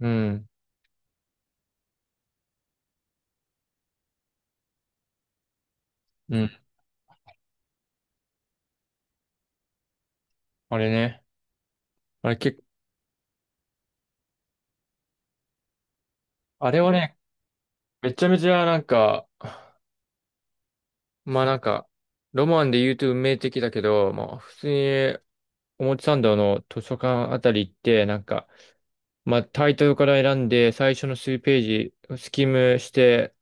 うん、うん。あれね。あれ結構、あれはね、めちゃめちゃなんか、まあなんか、ロマンで言うと運命的だけど、まあ普通に表参道の図書館あたり行って、タイトルから選んで、最初の数ページ、スキムして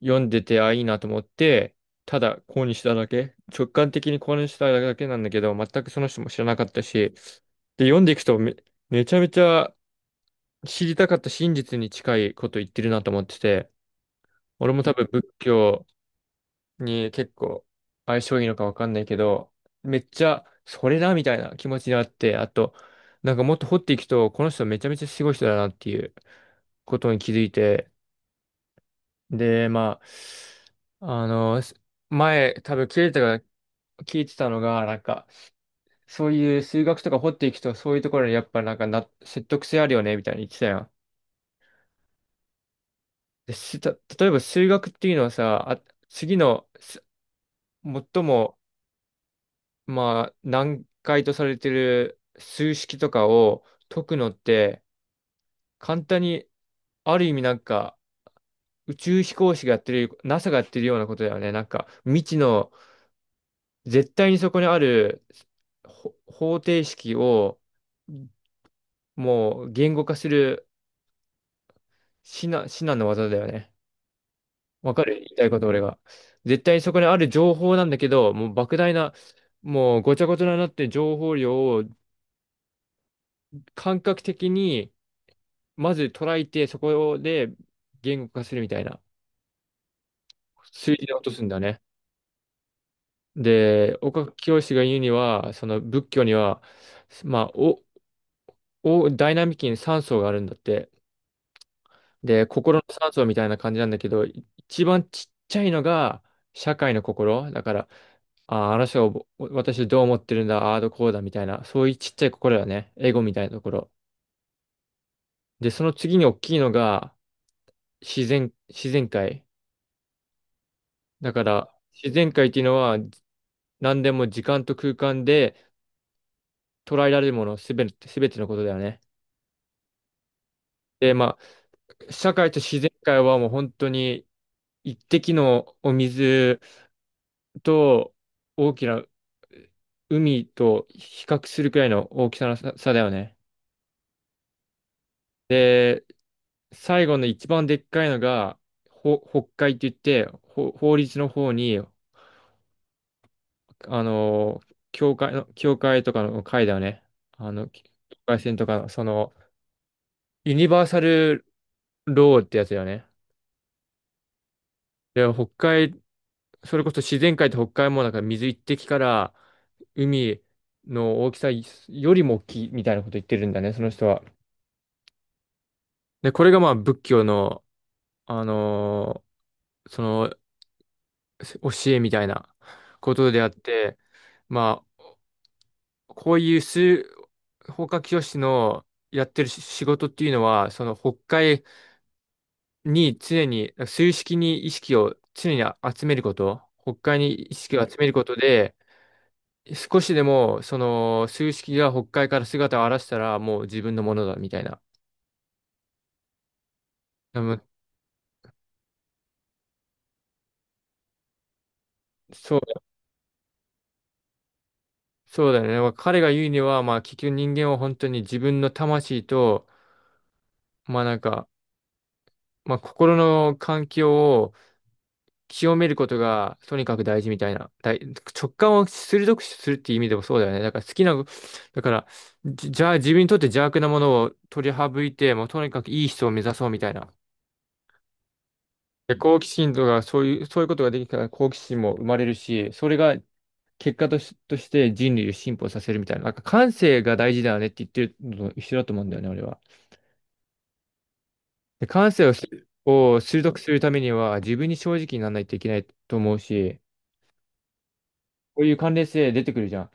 読んでて、あ、いいなと思って、ただ購入しただけ、直感的に購入しただけなんだけど、全くその人も知らなかったし、で、読んでいくとめちゃめちゃ知りたかった真実に近いこと言ってるなと思ってて、俺も多分仏教に結構相性いいのかわかんないけど、めっちゃそれだみたいな気持ちになって、あと、なんかもっと掘っていくと、この人めちゃめちゃすごい人だなっていうことに気づいて、で、あ、あの、す前多分聞いてたが、聞いてたのが、なんか、そういう数学とか掘っていくと、そういうところにやっぱなんかな、説得性あるよね、みたいに言ってたやん。で、した、例えば数学っていうのはさ、あ、次の、す最も、まあ、難解とされてる数式とかを解くのって、簡単に、ある意味なんか、宇宙飛行士がやってる、NASA がやってるようなことだよね。なんか、未知の、絶対にそこにある方程式を、もう言語化する至難の技だよね。わかる言いたいこと、俺が。絶対にそこにある情報なんだけど、もう莫大な、もうごちゃごちゃになってる情報量を感覚的に、まず捉えて、そこで言語化するみたいな、数字で落とすんだね。で、岡清が言うには、その仏教には、まあ、お、お、ダイナミックに3層があるんだって。で、心の3層みたいな感じなんだけど、一番ちっちゃいのが社会の心。だから、あー、あの人を、お私どう思ってるんだ、ああーどうこうだみたいな、そういうちっちゃい心だね。エゴみたいなところ。で、その次に大きいのが自然界。だから、自然界っていうのは何でも時間と空間で捉えられるものすべて、すべてのことだよね。で、まあ、社会と自然界はもう本当に一滴のお水と大きな海と比較するくらいの大きさの差だよね。で、最後の一番でっかいのが、北海って言って、法律の方に、あの、教会とかの会だよね。あの、境界線とか、その、ユニバーサルローってやつだよね。で、北海、それこそ自然界って北海もなんか水一滴から海の大きさよりも大きいみたいなこと言ってるんだね、その人は。で、これがまあ仏教の、あのーその教えみたいなことであって、まあ、こういう数、法華経師のやってる仕事っていうのは、その北海に常に、数式に意識を常に集めること、北海に意識を集めることで、少しでも、その、数式が北海から姿を現したら、もう自分のものだ、みたいな。でもそう、そうだよね。まあ彼が言うには、まあ、結局人間は本当に自分の魂と、まあなんか、心の環境を清めることが、とにかく大事みたいな。直感を鋭くするっていう意味でもそうだよね。だから好きな、だから、じじゃあ自分にとって邪悪なものを取り省いて、もうとにかくいい人を目指そうみたいな。で、好奇心とか、そういうことができたら好奇心も生まれるし、それが結果とし、として人類を進歩させるみたいな、なんか感性が大事だよねって言ってるのと一緒だと思うんだよね、俺は。で、感性をし、を鋭くするためには、自分に正直にならないといけないと思うし、こういう関連性出てくるじゃん。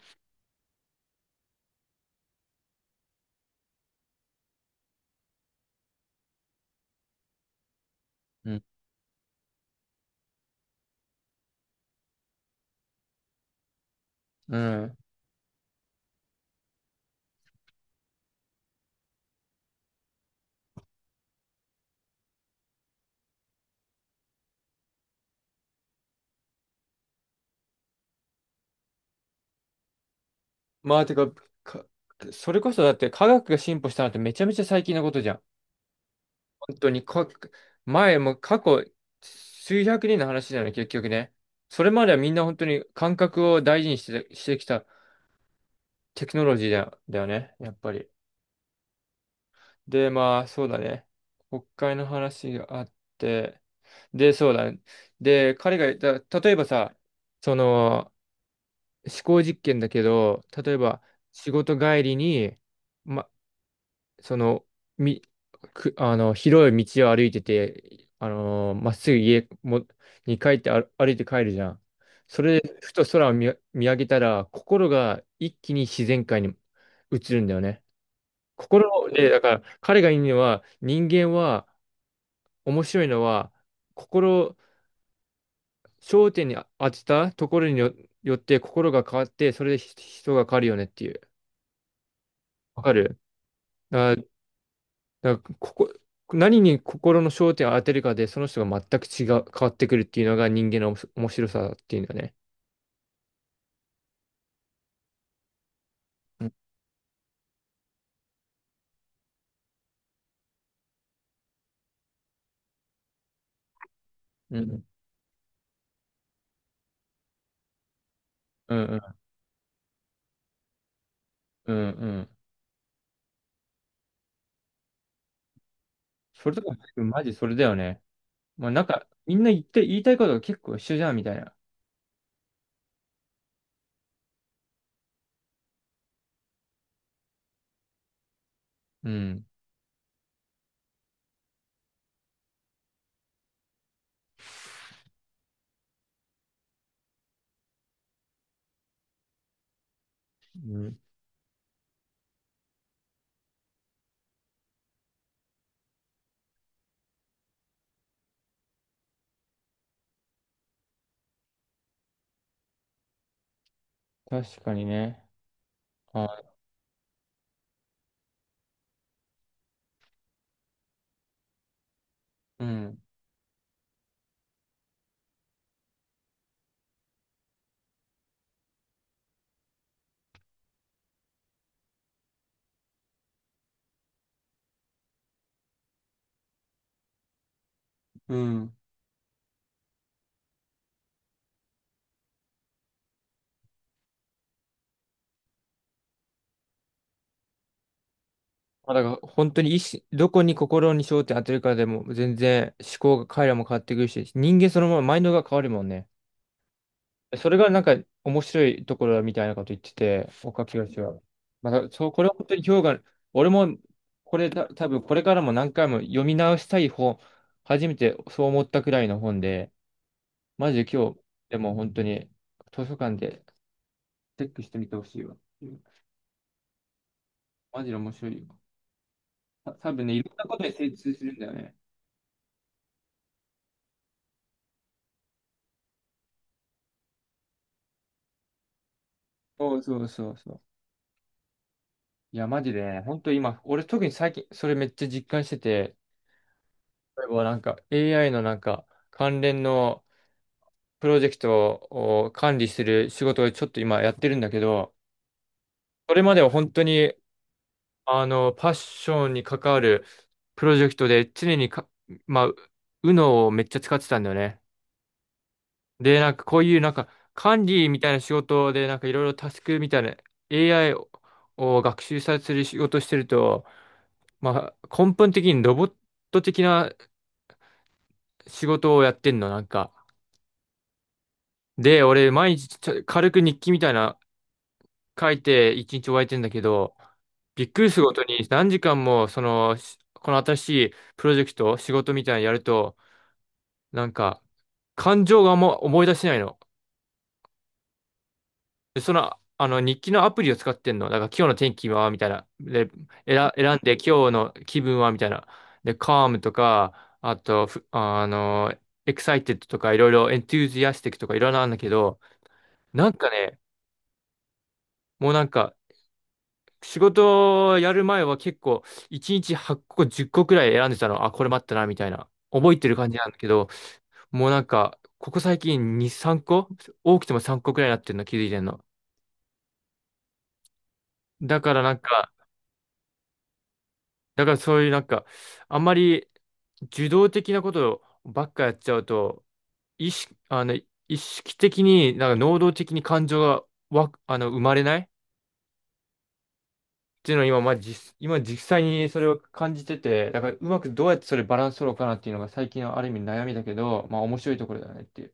うん。うん。まあ、てか、か、それこそだって科学が進歩したのってめちゃめちゃ最近のことじゃん。本当にか、前も過去数百年の話なの、結局ね。それまではみんな本当に感覚を大事にして、してきたテクノロジーだよね、やっぱり。で、まあ、そうだね。国会の話があって、で、そうだね。で、彼が言った、例えばさ、その、思考実験だけど、例えば仕事帰りに、ま、その、み、あの、広い道を歩いてて、あのーまっすぐに帰って歩いて帰るじゃん。それで、ふと空を見上げたら、心が一気に自然界に移るんだよね。心で、だから、彼が言うのは、人間は面白いのは、心、焦点に当てたところによって心が変わって、それで人が変わるよねっていう。わかるあ。だからここ、何に心の焦点を当てるかで、その人が全く違う、変わってくるっていうのが人間のおもし面白さっていうのね。うんうんうんうんうんうん。それとか、マジそれだよね。まあなんか、みんな言って、言いたいことが結構一緒じゃん、みたいな。うん。うん。確かにね。あ、うん。うん。まあだから本当に意思、どこに心に焦点当てるかでも全然思考が彼らも変わってくるし、人間そのままマインドが変わるもんね。それがなんか面白いところだみたいなこと言ってて、岡清は。まあ、そう、これは本当に評価、俺もこれた多分これからも何回も読み直したい本、初めてそう思ったくらいの本で、マジで今日、でも本当に図書館でチェックしてみてほしいわ。マジで面白いよ。多分ね、いろんなことに精通するんだよね。そうそうそうそう。いや、マジでね、本当今、俺特に最近それめっちゃ実感してて、例えばなんか AI のなんか関連のプロジェクトを管理する仕事をちょっと今やってるんだけど、それまでは本当に、あの、パッションに関わるプロジェクトで常にか、まあ、UNO をめっちゃ使ってたんだよね。で、なんかこういうなんか管理みたいな仕事でなんかいろいろタスクみたいな AI を学習させる仕事してると、まあ、根本的にロボット的な仕事をやってんの、なんか。で、俺毎日軽く日記みたいな書いて一日終えてんだけど、びっくりすることに何時間もそのこの新しいプロジェクト仕事みたいなのやるとなんか感情が思い出せないの。でそのあの日記のアプリを使ってんの。だから今日の天気はみたいな。で、選んで今日の気分はみたいな。で、calm とか、あと、ふあの、excited とかいろいろ enthusiastic とかいろいろあるんだけど、なんかね、もうなんか仕事をやる前は結構1日8個10個くらい選んでたの。あ、これ待ったな、みたいな。覚えてる感じなんだけど、もうなんか、ここ最近2、3個多くても3個くらいになってるの気づいてんの。だからなんか、だからそういうなんか、あんまり受動的なことばっかやっちゃうと、意識、あの、意識的に、なんか能動的に感情がわ、あの、生まれないっていうのを今、今実際にそれを感じてて、だからうまくどうやってそれバランス取ろうかなっていうのが最近のある意味悩みだけど、まあ面白いところだよねっていう。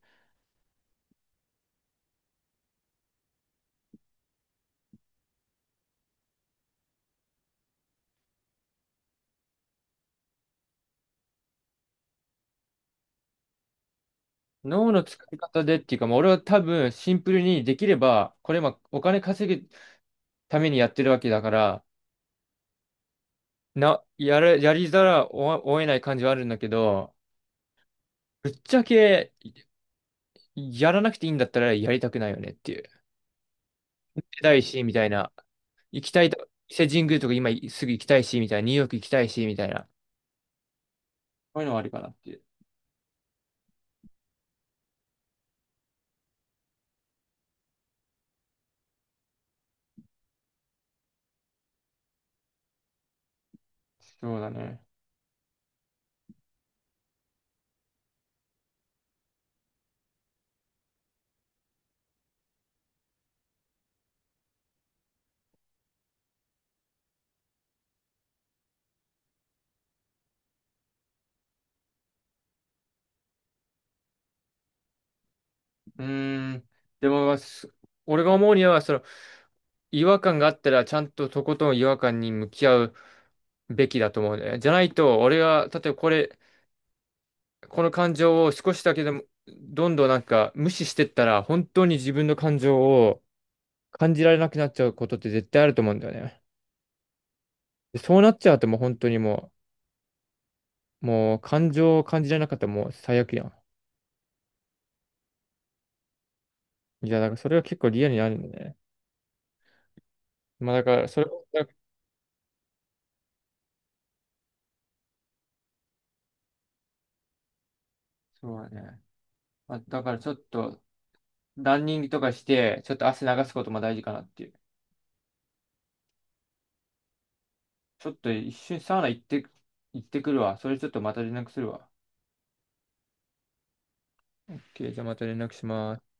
脳の使い方でっていうか、まあ、俺は多分シンプルにできれば、これ今お金稼ぐためにやってるわけだから、な、やる、やりざらをを得ない感じはあるんだけど、ぶっちゃけやらなくていいんだったらやりたくないよねっていう。行きたいし、みたいな。行きたいと、伊勢神宮とか今すぐ行きたいし、みたいな。ニューヨーク行きたいし、みたいな。こういうのはあるかなっていう。そうだね。うーん。でも、まあす俺が思うには、その、違和感があったら、ちゃんととことん違和感に向き合うべきだと思うね。じゃないと、俺が、例えばこれ、この感情を少しだけでも、どんどんなんか無視してったら、本当に自分の感情を感じられなくなっちゃうことって絶対あると思うんだよね。でそうなっちゃうともう本当にもう、もう感情を感じられなかったらもう最悪やん。いや、だからそれは結構リアルにあるんだね。まあだから、それ、そうだね。まあ、だからちょっと、ランニングとかして、ちょっと汗流すことも大事かなっていう。ちょっと一瞬サウナ行って、行ってくるわ。それちょっとまた連絡するわ。OK、じゃあまた連絡します。